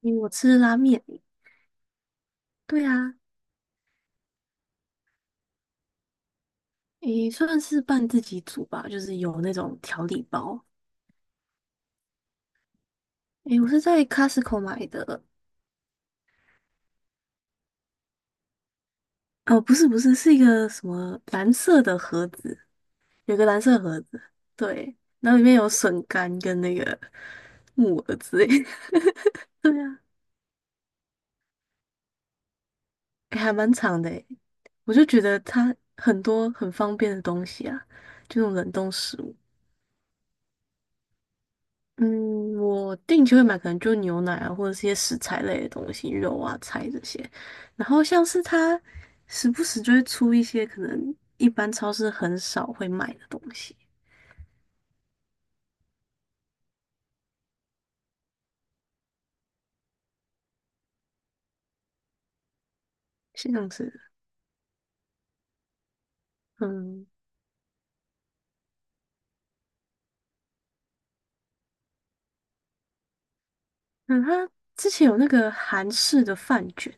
因为我吃拉面。对啊。算是半自己煮吧，就是有那种调理包。诶，我是在 Costco 买的。哦，不是不是，是一个什么蓝色的盒子，有个蓝色盒子。对，然后里面有笋干跟那个木耳之类的。 对啊。诶还蛮长的诶，我就觉得它很多很方便的东西啊，就那种冷冻食物。嗯，我定期会买，可能就牛奶啊，或者是一些食材类的东西，肉啊、菜这些。然后像是它时不时就会出一些可能一般超市很少会卖的东西。是这像是。嗯。那它之前有那个韩式的饭卷。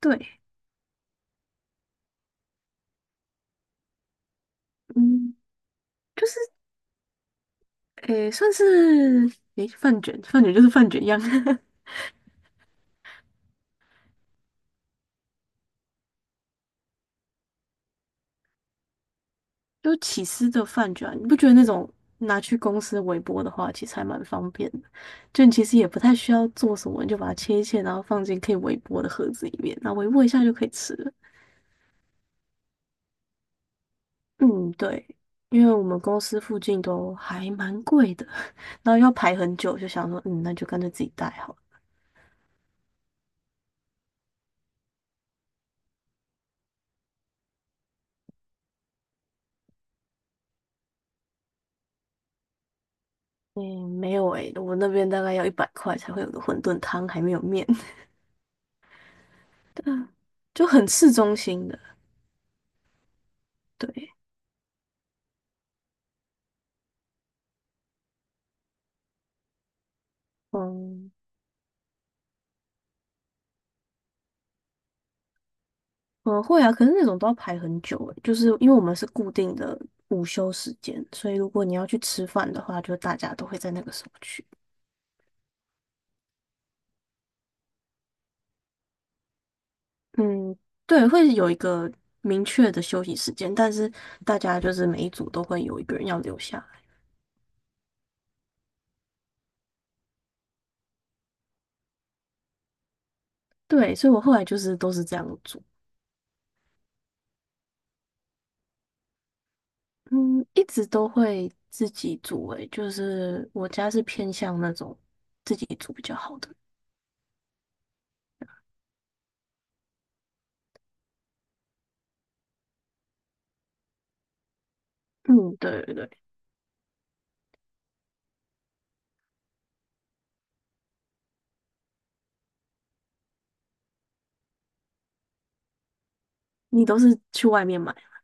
对。嗯，就是诶，算是诶饭卷，饭卷就是饭卷一样。就起司的饭卷啊，你不觉得那种拿去公司微波的话，其实还蛮方便的？就你其实也不太需要做什么，你就把它切一切，然后放进可以微波的盒子里面，然后微波一下就可以吃了。嗯，对。因为我们公司附近都还蛮贵的，然后要排很久，就想说，嗯，那就干脆自己带好了。嗯，没有诶、我那边大概要一百块才会有个馄饨汤，还没有面。对啊，就很市中心的。对。嗯。嗯，会啊，可是那种都要排很久诶，就是因为我们是固定的午休时间，所以如果你要去吃饭的话，就大家都会在那个时候去。嗯，对，会有一个明确的休息时间，但是大家就是每一组都会有一个人要留下来。对，所以我后来就是都是这样煮。嗯，一直都会自己煮诶，就是我家是偏向那种自己煮比较好的。嗯，对对对。你都是去外面买啊，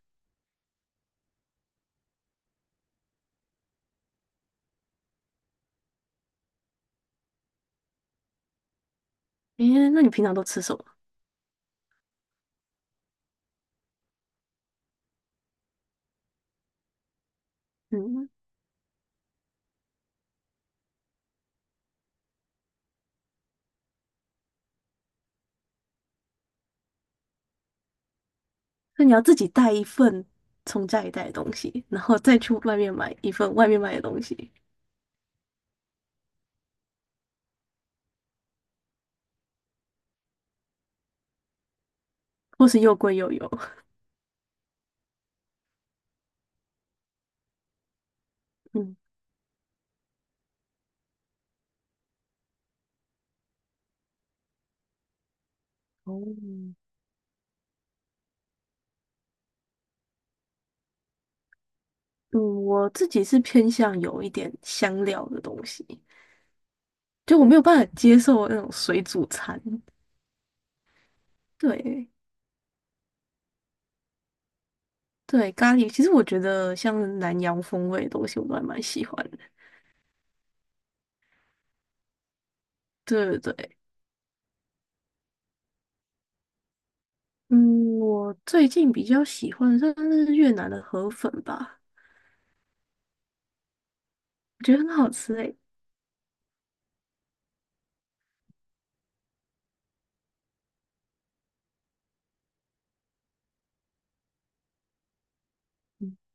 诶，那你平常都吃什么？嗯。那你要自己带一份从家里带的东西，然后再去外面买一份外面买的东西，或是又贵又油。嗯。哦。嗯，我自己是偏向有一点香料的东西，就我没有办法接受那种水煮餐。对。对，咖喱，其实我觉得像南洋风味的东西，我都还蛮喜欢的。对对对。嗯，我最近比较喜欢算是越南的河粉吧，我觉得很好吃诶。嗯。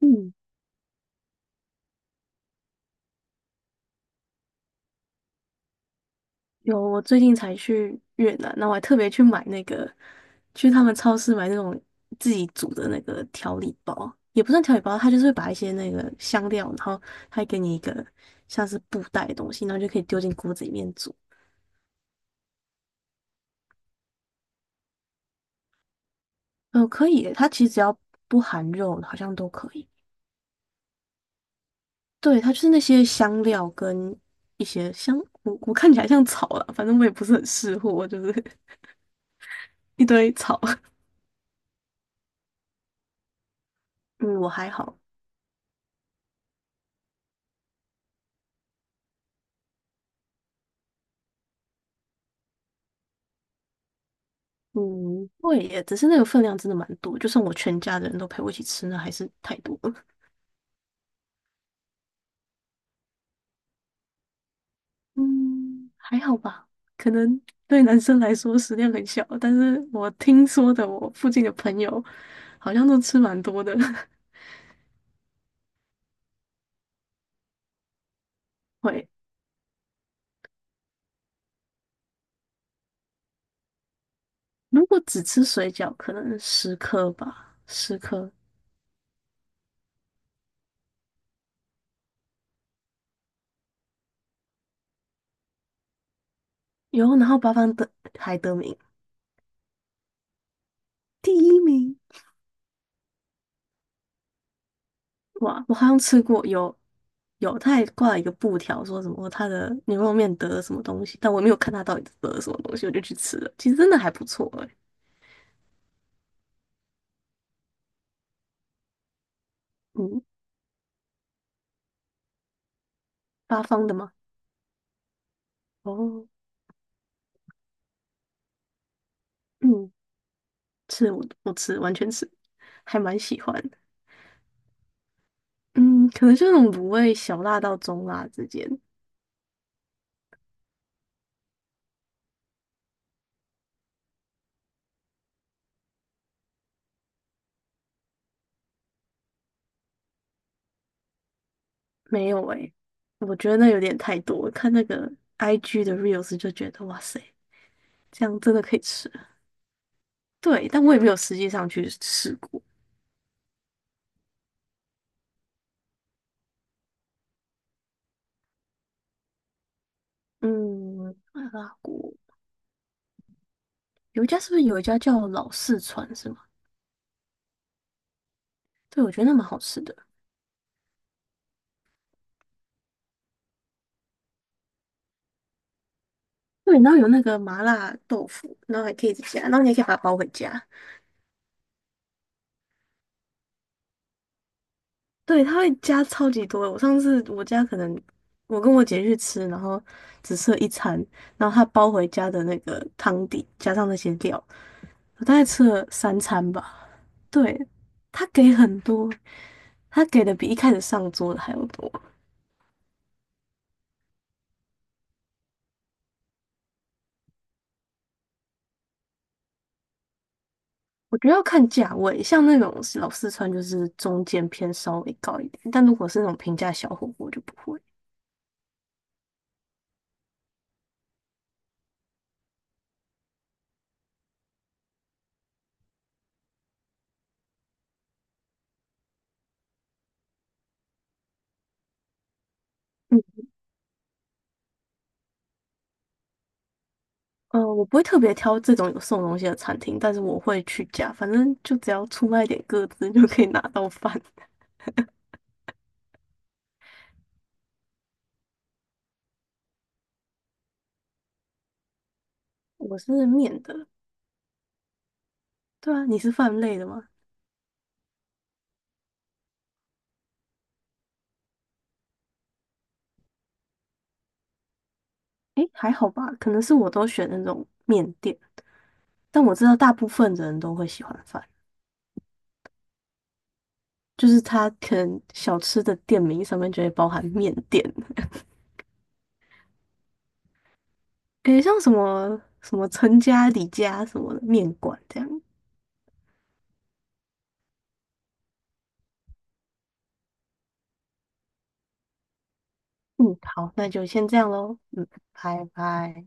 嗯。有，我最近才去越南，那我还特别去买那个，去他们超市买那种自己煮的那个调理包，也不算调理包，它就是会把一些那个香料，然后还给你一个像是布袋的东西，然后就可以丢进锅子里面煮。嗯，可以耶，它其实只要不含肉，好像都可以。对，它就是那些香料跟一些香，我我看起来像草啦，反正我也不是很识货，就是 一堆草。嗯，我还好。嗯，会耶，只是那个分量真的蛮多，就算我全家的人都陪我一起吃，那还是太多了。嗯，还好吧，可能对男生来说食量很小，但是我听说的，我附近的朋友好像都吃蛮多的。会，如果只吃水饺，可能十颗吧，十颗。有，然后八方得还得名第一名。哇，我好像吃过，有，他还挂了一个布条，说什么他的牛肉面得了什么东西，但我没有看他到底得了什么东西，我就去吃了。其实真的还不错哎、嗯，八方的吗？哦。嗯，吃我我吃完全吃，还蛮喜欢的。嗯，可能就那种卤味小辣到中辣之间。没有哎、我觉得那有点太多。我看那个 IG 的 reels 就觉得哇塞，这样真的可以吃。对，但我也没有实际上去试过。嗯，麻辣锅。有一家，是不是有一家叫老四川是吗？对，我觉得那蛮好吃的。对，然后有那个麻辣豆腐，然后还可以自己加，然后你也可以把它包回家。对，它会加超级多。我上次我家可能我跟我姐去吃，然后只吃了一餐，然后她包回家的那个汤底加上那些料，我大概吃了三餐吧。对，她给很多，她给的比一开始上桌的还要多。我觉得要看价位，像那种老四川就是中间偏稍微高一点，但如果是那种平价小火锅就不会。嗯。我不会特别挑这种有送东西的餐厅，但是我会去加，反正就只要出卖一点个资就可以拿到饭。我是面的。对啊，你是饭类的吗？诶，还好吧，可能是我都选那种面店，但我知道大部分的人都会喜欢饭，就是它可能小吃的店名上面就会包含面店。诶，像什么什么陈家、李家什么的面馆这样。嗯，好，那就先这样喽。嗯，拜拜。